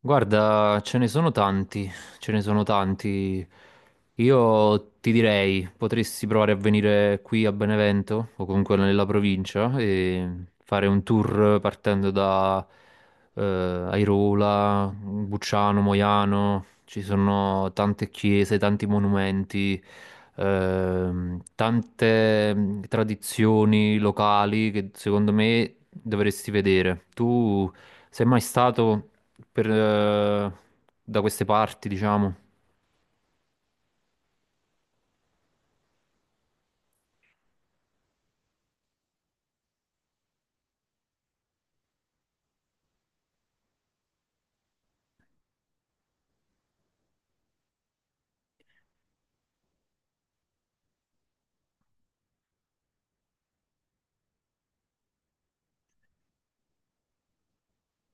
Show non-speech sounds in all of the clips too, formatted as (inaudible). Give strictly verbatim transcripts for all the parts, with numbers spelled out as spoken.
Guarda, ce ne sono tanti, ce ne sono tanti. Io ti direi, potresti provare a venire qui a Benevento o comunque nella provincia e fare un tour partendo da eh, Airola, Bucciano, Moiano. Ci sono tante chiese, tanti monumenti, ehm, tante mm, tradizioni locali che secondo me dovresti vedere. Tu sei mai stato per, eh, da queste parti, diciamo.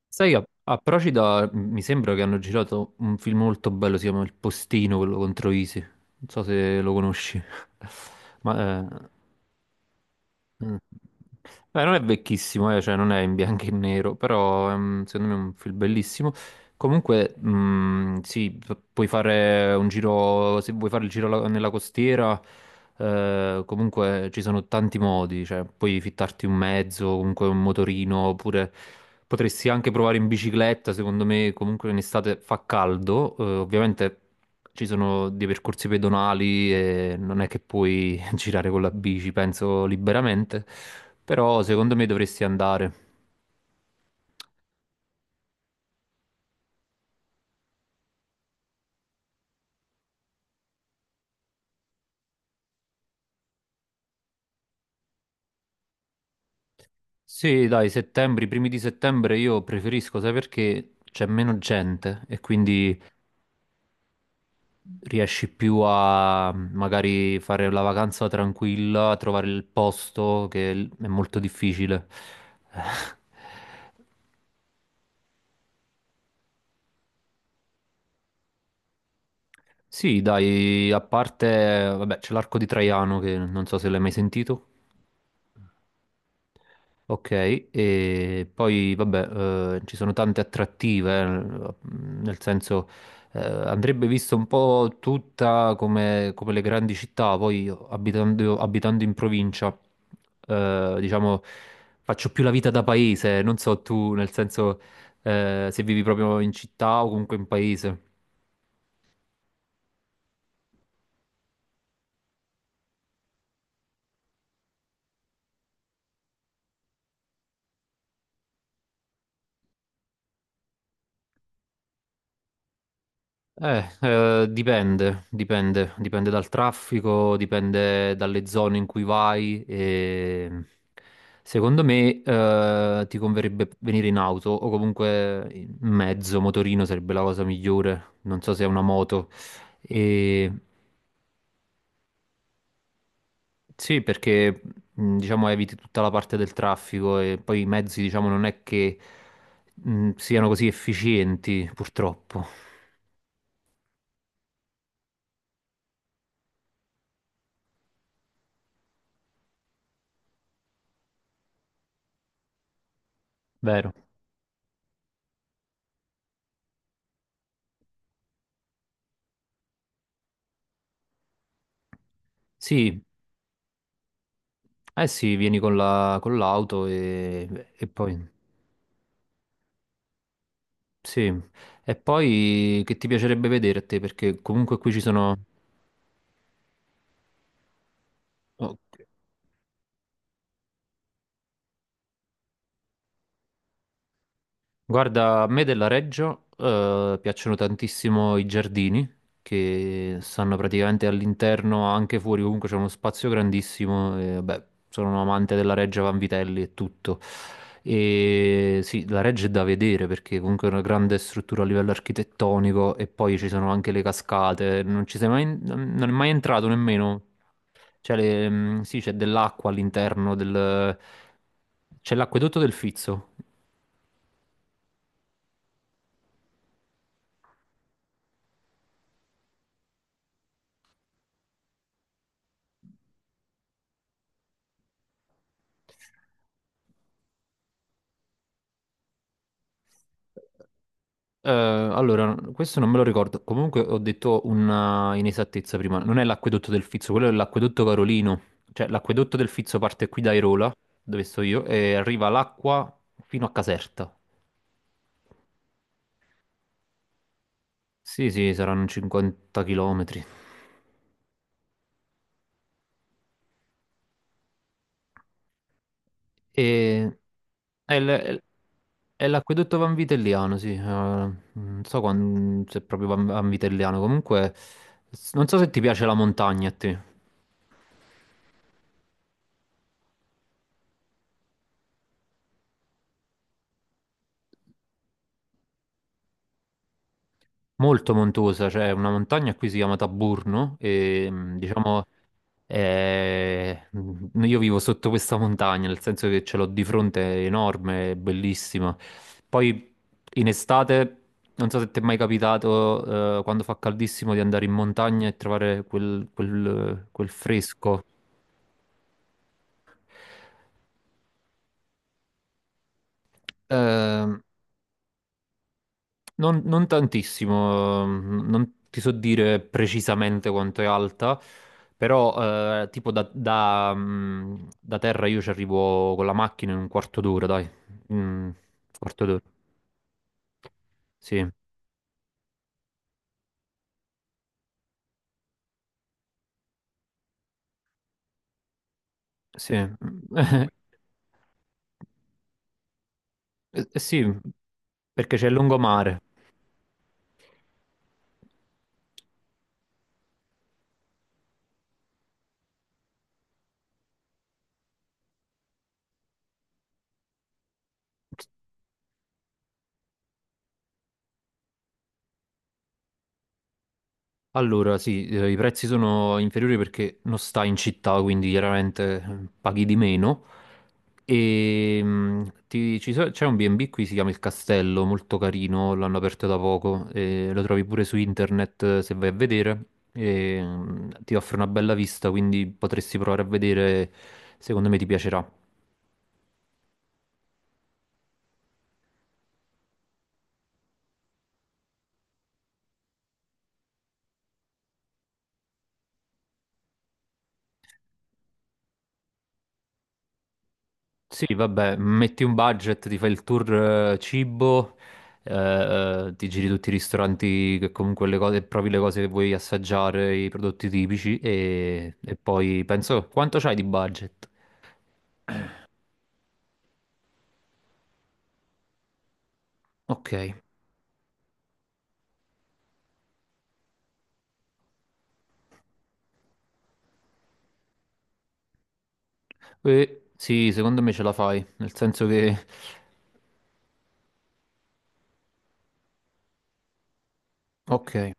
Sai, a, a Procida m- mi sembra che hanno girato un film molto bello, si chiama Il Postino, quello contro Isi. Non so se lo conosci. (laughs) Ma, eh, mm. Beh, non è vecchissimo, eh, cioè non è in bianco e nero, però ehm, secondo me è un film bellissimo. Comunque, mh, sì, pu- puoi fare un giro, se vuoi fare il giro la- nella costiera, eh, comunque ci sono tanti modi, cioè puoi fittarti un mezzo, comunque un motorino, oppure potresti anche provare in bicicletta, secondo me comunque in estate fa caldo, eh, ovviamente ci sono dei percorsi pedonali e non è che puoi (laughs) girare con la bici, penso liberamente, però secondo me dovresti andare. Sì, dai, settembre, i primi di settembre io preferisco, sai perché c'è meno gente e quindi riesci più a magari fare la vacanza tranquilla, a trovare il posto che l- è molto difficile. (laughs) Eh, Sì, dai, a parte, vabbè, c'è l'arco di Traiano che non so se l'hai mai sentito. Ok, e poi vabbè, eh, ci sono tante attrattive, eh, nel senso eh, andrebbe vista un po' tutta come, come le grandi città, poi io, abitando, abitando in provincia, eh, diciamo, faccio più la vita da paese, non so tu, nel senso eh, se vivi proprio in città o comunque in paese. Eh, eh, dipende, dipende, dipende dal traffico, dipende dalle zone in cui vai. E... Secondo me, eh, ti converrebbe venire in auto o comunque in mezzo, motorino sarebbe la cosa migliore. Non so se è una moto. E... Sì, perché mh, diciamo eviti tutta la parte del traffico e poi i mezzi, diciamo, non è che mh, siano così efficienti, purtroppo. Vero. Sì, eh sì, vieni con la- con l'auto e, e poi... Sì, e poi che ti piacerebbe vedere a te? Perché comunque qui ci sono... Guarda, a me della Reggio eh, piacciono tantissimo i giardini che stanno praticamente all'interno, anche fuori, comunque c'è uno spazio grandissimo. E, vabbè, sono un amante della Reggio Vanvitelli e tutto. E sì, la Reggio è da vedere perché comunque è una grande struttura a livello architettonico e poi ci sono anche le cascate. Non ci sei mai, non è mai entrato nemmeno. Cioè, le- mm, sì, c'è dell'acqua all'interno del... C'è l'acquedotto del Fizzo. Eh, allora, questo non me lo ricordo. Comunque ho detto una inesattezza prima. Non è l'acquedotto del Fizzo, quello è l'acquedotto Carolino. Cioè, l'acquedotto del Fizzo parte qui da Airola, dove sto io, e arriva l'acqua fino a Caserta. Sì, sì, saranno cinquanta chilometri. E... È l- è l'acquedotto Vanvitelliano, sì. eh, non so quan- se è proprio Van- Vanvitelliano. Comunque, s- non so se ti piace la montagna a te. Molto montuosa, c'è una montagna qui si chiama Taburno e mh, diciamo eh, mh, io vivo sotto questa montagna, nel senso che ce l'ho di fronte, è enorme, è bellissima. Poi in estate, non so se ti è mai capitato eh, quando fa caldissimo di andare in montagna e trovare quel, quel- quel fresco. Ehm, Non, non tantissimo, mm, non ti so dire precisamente quanto è alta, però eh, tipo da, da, mm, da terra io ci arrivo con la macchina in un quarto d'ora, dai. Mm, quarto d'ora, sì, sì. (laughs) Eh, eh, sì, perché c'è il lungomare. Allora, sì, eh, i prezzi sono inferiori perché non stai in città, quindi chiaramente eh, paghi di meno. E mm, ti- ci so- c'è un bi e bi qui, si chiama Il Castello, molto carino, l'hanno aperto da poco, e lo trovi pure su internet eh, se vai a vedere. E, mm, ti offre una bella vista, quindi potresti provare a vedere, secondo me ti piacerà. Sì, vabbè, metti un budget, ti fai il tour eh, cibo, eh, eh, ti giri tutti i ristoranti che comunque le cose, provi le cose che vuoi assaggiare, i prodotti tipici e, e poi penso quanto c'hai di budget? Ok, eh, sì, secondo me ce la fai, nel senso che ok.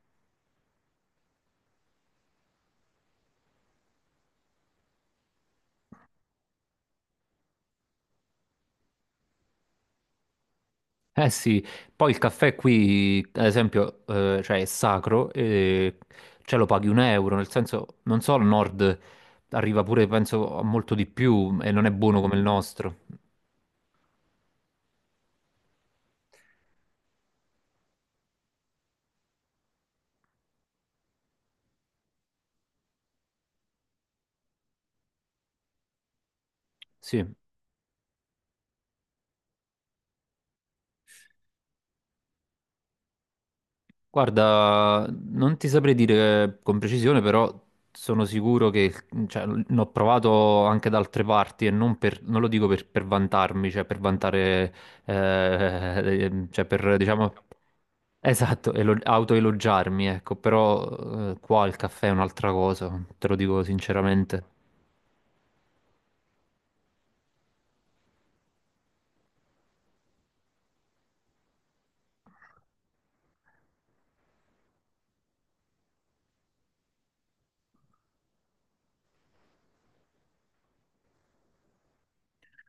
Eh sì, poi il caffè qui, ad esempio, eh, cioè è sacro e ce lo paghi un euro, nel senso, non so, al nord arriva pure, penso, a molto di più e non è buono come il nostro. Sì. Guarda, non ti saprei dire con precisione, però sono sicuro che cioè, l'ho provato anche da altre parti e non, per- non lo dico per, per vantarmi, cioè per vantare, eh, (laughs) cioè per diciamo, esatto, elo- autoelogiarmi, ecco, però eh, qua il caffè è un'altra cosa, te lo dico sinceramente.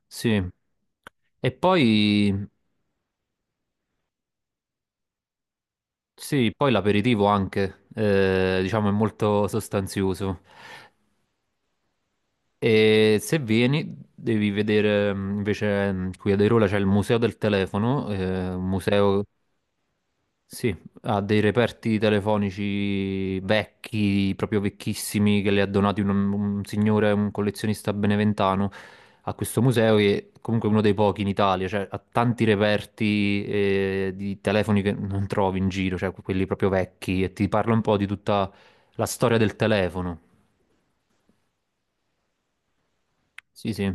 Sì. E poi, sì, poi l'aperitivo anche, eh, diciamo, è molto sostanzioso. E se vieni, devi vedere mm, invece mm, qui ad Airola c'è il museo del telefono, eh, un museo sì, ha dei reperti telefonici vecchi, proprio vecchissimi, che le ha donati un, un signore, un collezionista beneventano a questo museo, che è comunque uno dei pochi in Italia, cioè ha tanti reperti eh, di telefoni che non trovi in giro, cioè quelli proprio vecchi, e ti parla un po' di tutta la storia del telefono. Sì, sì.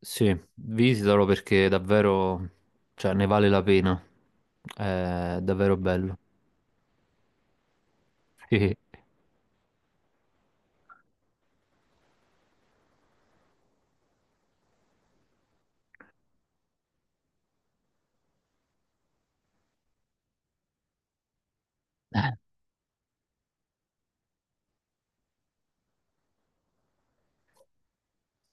Sì, visitalo perché davvero, cioè, ne vale la pena. È davvero bello. Sì,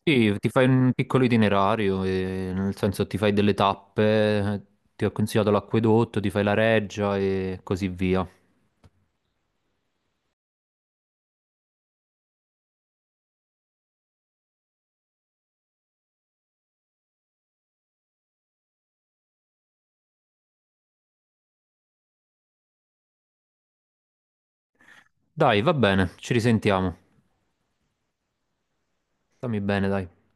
sì, ti fai un piccolo itinerario, e, nel senso ti fai delle tappe, ti ho consigliato l'acquedotto, ti fai la reggia e così via. Dai, va bene, ci risentiamo. Stammi bene, dai.